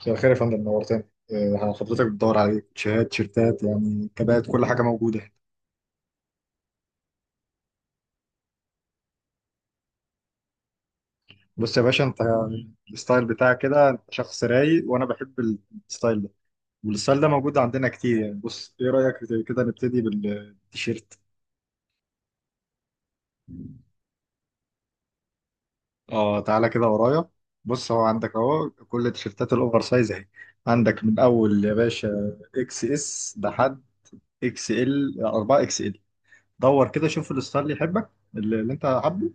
مساء الخير يا فندم، نورتني. حضرتك بتدور على شهات تيشيرتات، يعني كبات، كل حاجه موجوده هنا. بص يا باشا، انت الستايل بتاعك كده، انت شخص رايق وانا بحب الستايل ده، والستايل ده موجود عندنا كتير. يعني بص، ايه رايك كده نبتدي بالتيشيرت؟ اه، تعالى كده ورايا. بص، هو عندك اهو كل التيشيرتات الاوفر سايز اهي. عندك من اول يا باشا اكس اس لحد اكس ال، 4 اكس ال. دور كده، شوف الستايل اللي يحبك، اللي انت حابه.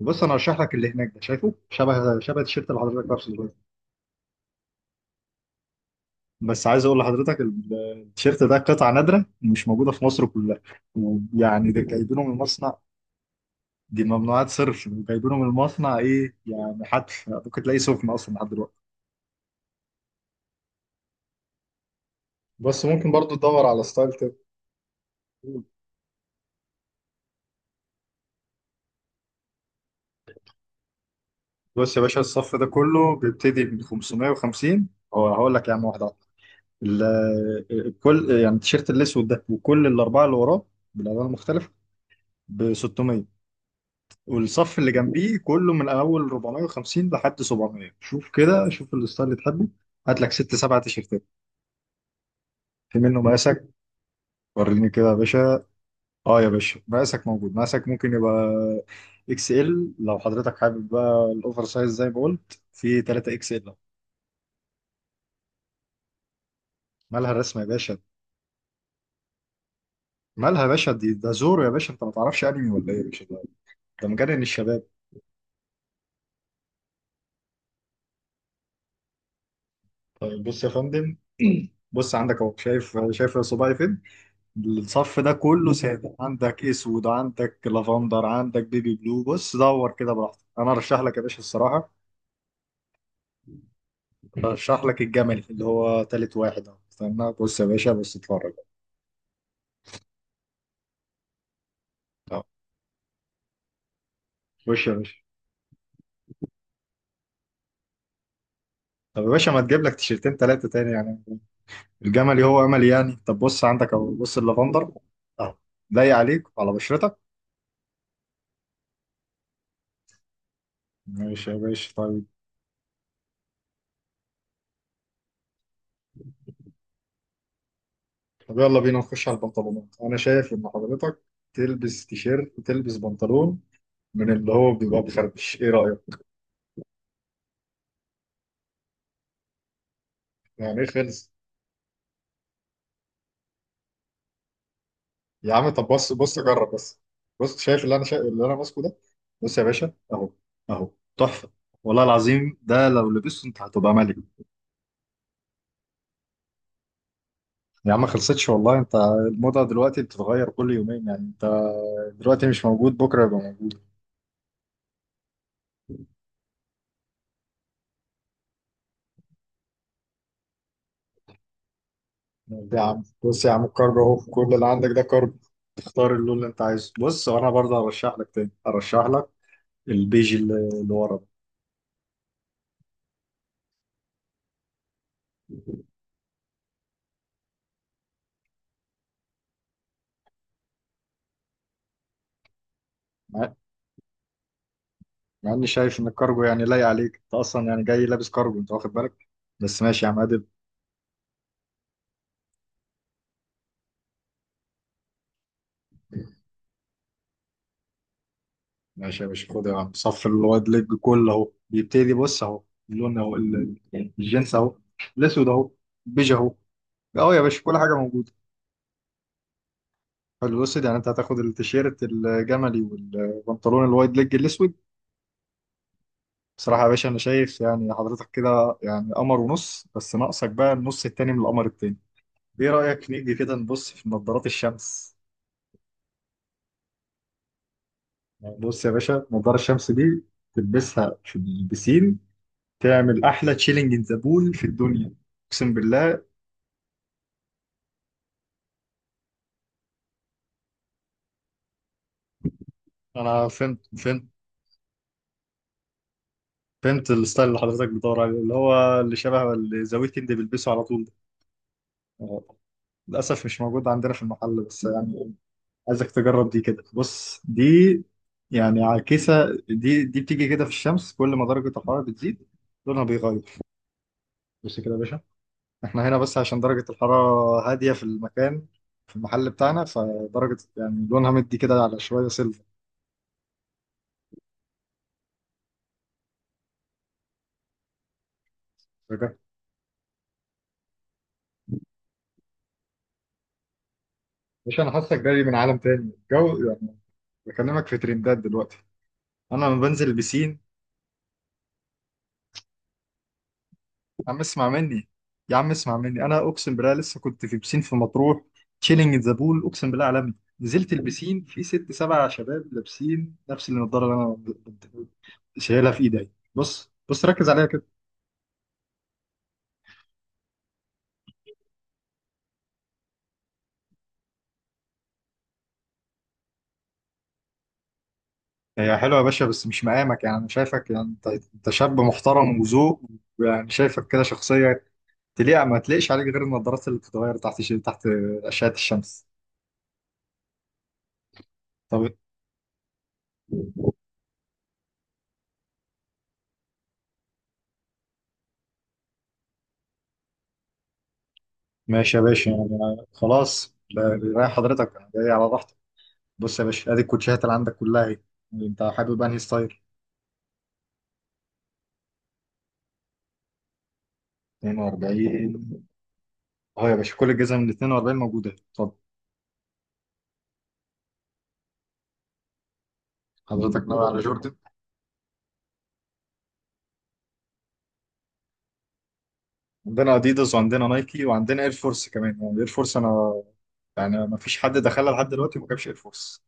بص انا هشرح لك، اللي هناك ده شايفه شبه التيشيرت اللي حضرتك لابسه دلوقتي. بس عايز اقول لحضرتك التيشيرت ده قطعه نادره، مش موجوده في مصر كلها، ويعني ده جايبينه من المصنع. دي ممنوعات صرف، وجايبينه من المصنع. ايه يعني، حتى ممكن تلاقيه سخن اصلا لحد دلوقتي. بس ممكن برضو تدور على ستايل كده. بص يا باشا، الصف ده كله بيبتدي من 550. هو هقول لك يا عم واحده واحده. كل يعني التيشيرت الاسود ده وكل الاربعه اللي وراه بالالوان المختلفه ب 600. والصف اللي جنبيه كله من اول 450 لحد 700. شوف كده، شوف الستايل اللي تحبه، هات لك ست سبع تيشيرتات. في منه مقاسك؟ وريني كده يا باشا. اه يا باشا، مقاسك موجود، مقاسك ممكن يبقى اكس ال، لو حضرتك حابب بقى الاوفر سايز زي ما قلت في 3 اكس ال. مالها الرسمه يا باشا؟ مالها يا باشا دي؟ ده زورو يا باشا، انت ما تعرفش انمي ولا ايه يا باشا؟ ده ده مجنن الشباب. طيب بص يا فندم، بص، عندك اهو، شايف صباعي فين؟ الصف ده كله متعب سادة، عندك اسود، عندك لافندر، عندك بيبي بلو. بص دور كده براحتك، انا ارشح لك يا باشا الصراحه. ارشح لك الجملي اللي هو تالت واحد اهو. استنى بص يا باشا، بص اتفرج. اهو. خش يا باشا. طب يا باشا، ما تجيب لك تيشيرتين تلاتة تاني يعني؟ الجملي هو املي يعني. طب بص، عندك اهو، بص اللافندر اهو، لايق عليك على بشرتك. ماشي يا باشا، طيب. طب يلا بينا نخش على البنطلونات. انا شايف ان حضرتك تلبس تيشيرت، تلبس بنطلون من اللي هو بيبقى بخربش، ايه رأيك؟ يعني ايه خلص؟ يا عم طب بص، بص جرب بس. بص، شايف اللي انا شايف، اللي انا ماسكه ده؟ بص يا باشا اهو. اهو. تحفه. والله العظيم ده لو لبسته انت هتبقى ملك. يا عم ما خلصتش والله، انت الموضه دلوقتي بتتغير كل يومين. يعني انت دلوقتي مش موجود، بكره يبقى موجود. ده يا عم، بص يا عم، الكارد اهو، كل اللي عندك ده كارد. تختار اللون اللي انت عايزه. بص وانا برضه هرشح لك، تاني هرشح لك البيج اللي اللي ورا ده. مع اني شايف ان الكارجو يعني لايق عليك، انت اصلا يعني جاي لابس كارجو انت، واخد بالك؟ بس ماشي يا عم عادل. ماشي يا باشا، خد يا عم، صف الوايد ليج كله اهو بيبتدي، بص اهو. اللون اهو الجنس اهو. الاسود اهو. بيج اهو. اه يا باشا، كل حاجه موجوده. حلو الاسود. يعني انت هتاخد التيشيرت الجملي والبنطلون الوايد ليج الاسود. بصراحه يا باشا، انا شايف يعني حضرتك كده يعني قمر ونص، بس ناقصك بقى النص التاني من القمر التاني. ايه رايك نيجي كده نبص في نظارات الشمس؟ بص يا باشا، نظارة الشمس دي تلبسها في البسين، تعمل أحلى تشيلنج إن ذا بول في الدنيا، أقسم بالله. أنا فهمت، فهمت. فهمت الستايل اللي حضرتك بتدور عليه، اللي هو اللي شبه اللي ذا ويكند بيلبسه على طول ده. آه، للأسف مش موجود عندنا في المحل، بس يعني عايزك تجرب دي كده. بص دي، يعني عكسة، دي بتيجي كده في الشمس، كل ما درجة الحرارة بتزيد لونها بيغير. بص كده يا باشا. احنا هنا بس عشان درجة الحرارة هادية في المكان، في المحل بتاعنا، فدرجة يعني لونها مدي كده على شوية سيلفر. مش انا حاسك جاي من عالم تاني، الجو يعني، بكلمك في ترندات دلوقتي. انا لما بنزل البسين، يا عم اسمع مني، يا عم اسمع مني، انا اقسم بالله لسه كنت في بسين في مطروح، تشيلنج ذا بول اقسم بالله عالمي، نزلت البسين في ست سبع شباب لابسين نفس النضاره اللي انا شايلها في ايدي. بص بص ركز عليها كده. هي حلوه يا باشا، بس مش مقامك. يعني انا شايفك، يعني انت انت شاب محترم وذوق، يعني شايفك كده شخصيه تليق، ما تليقش عليك غير النظارات اللي بتتغير تحت تحت اشعه الشمس. طب ماشي يا باشا، يعني خلاص رايح حضرتك، أنا جاي على راحتك. بص يا باشا، ادي الكوتشيهات اللي عندك كلها اهي، انت حابب انهي ستايل؟ 42؟ اهو يا باشا، كل الجزم من 42 موجوده، اتفضل. حضرتك ناوي على جورد؟ عندنا اديداس، وعندنا نايكي، وعندنا اير فورس كمان. يعني اير فورس انا يعني ما فيش حد دخلها لحد دلوقتي وما جابش اير فورس.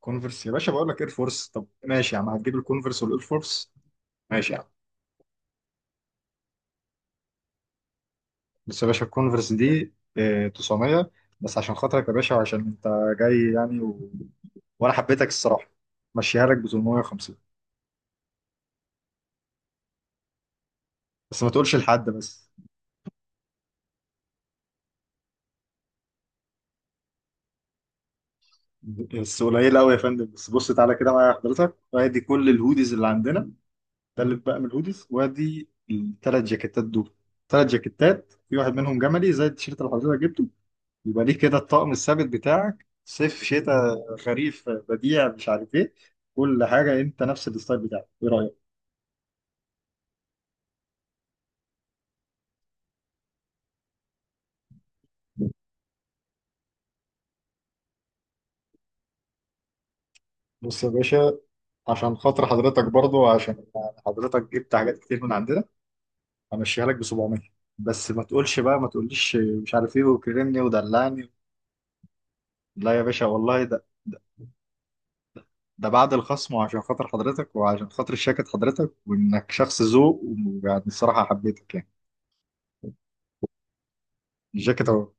كونفرس يا باشا؟ بقول لك اير فورس. طب ماشي يا عم، هتجيب الكونفرس والاير فورس؟ ماشي يا عم. بس يا باشا الكونفرس دي 900. بس عشان خاطرك يا باشا، وعشان انت جاي يعني و... وانا حبيتك الصراحه، مشيها لك ب 850. بس ما تقولش لحد بس. بس قليل قوي يا فندم. بس بص تعالى كده معايا حضرتك، وادي كل الهوديز اللي عندنا. تلت بقى من الهوديز، وادي التلات جاكيتات دول، تلات جاكيتات، في واحد منهم جملي زي التيشيرت اللي حضرتك جبته، يبقى ليه كده الطقم الثابت بتاعك صيف شتاء خريف بديع مش عارف ايه. كل حاجة انت نفس الستايل بتاعك، ايه رأيك؟ بص يا باشا، عشان خاطر حضرتك برضو، عشان حضرتك جبت حاجات كتير من عندنا، همشيها لك ب 700. بس ما تقولش بقى ما تقوليش مش عارف ايه، وكرمني ودلعني. لا يا باشا والله، ده ده بعد الخصم، وعشان خاطر حضرتك وعشان خاطر الجاكيت حضرتك، وانك شخص ذوق، ويعني الصراحه حبيتك يعني. الجاكيت اهو.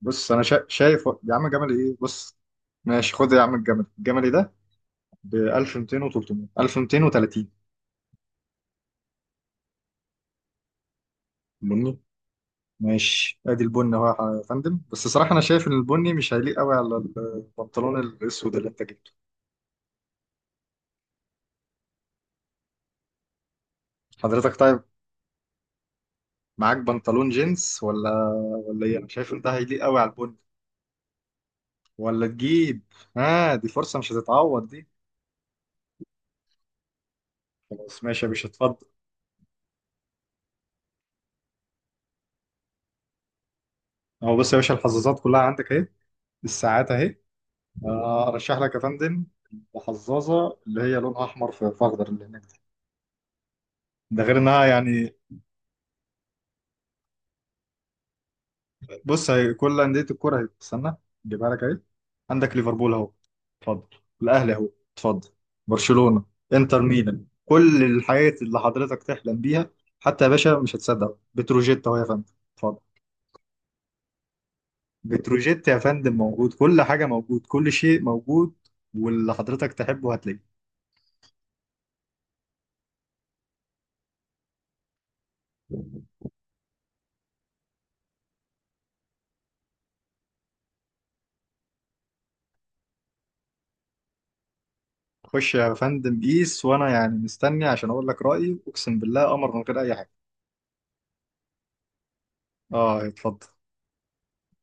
بص انا شايف يا عم، جملي ايه، بص. ماشي، خد يا عم الجملي، الجملي ده ب 1200 و300، 1230. بني؟ ماشي، ادي البني اهو. يا فندم بس صراحه، انا شايف ان البني مش هيليق قوي على البنطلون الاسود اللي انت جبته. حضرتك طيب. معاك بنطلون جينز ولا ولا ايه؟ انا شايف ان ده هيليق قوي على البني. ولا تجيب؟ اه، دي فرصه مش هتتعوض دي. خلاص ماشي يا باشا، اتفضل. اهو بص يا باشا، الحظاظات كلها عندك اهي، الساعات اهي. ارشح لك يا فندم الحظاظه اللي هي لونها احمر في اخضر، اللي هناك دي. ده غير انها يعني. بص هي كل انديه الكوره اهي، استنى اجيبها لك اهي. عندك ليفربول اهو، اتفضل. الاهلي اهو، اتفضل. برشلونه. انتر ميلان. كل الحاجات اللي حضرتك تحلم بيها. حتى يا باشا مش هتصدق، بتروجيت اهو يا فندم، اتفضل. بتروجيت يا فندم موجود، كل حاجه موجود، كل شيء موجود. واللي حضرتك تحبه هتلاقيه. خش يا فندم قيس، وانا يعني مستني عشان اقول لك رايي، اقسم بالله قمر من غير اي حاجه. اه اتفضل.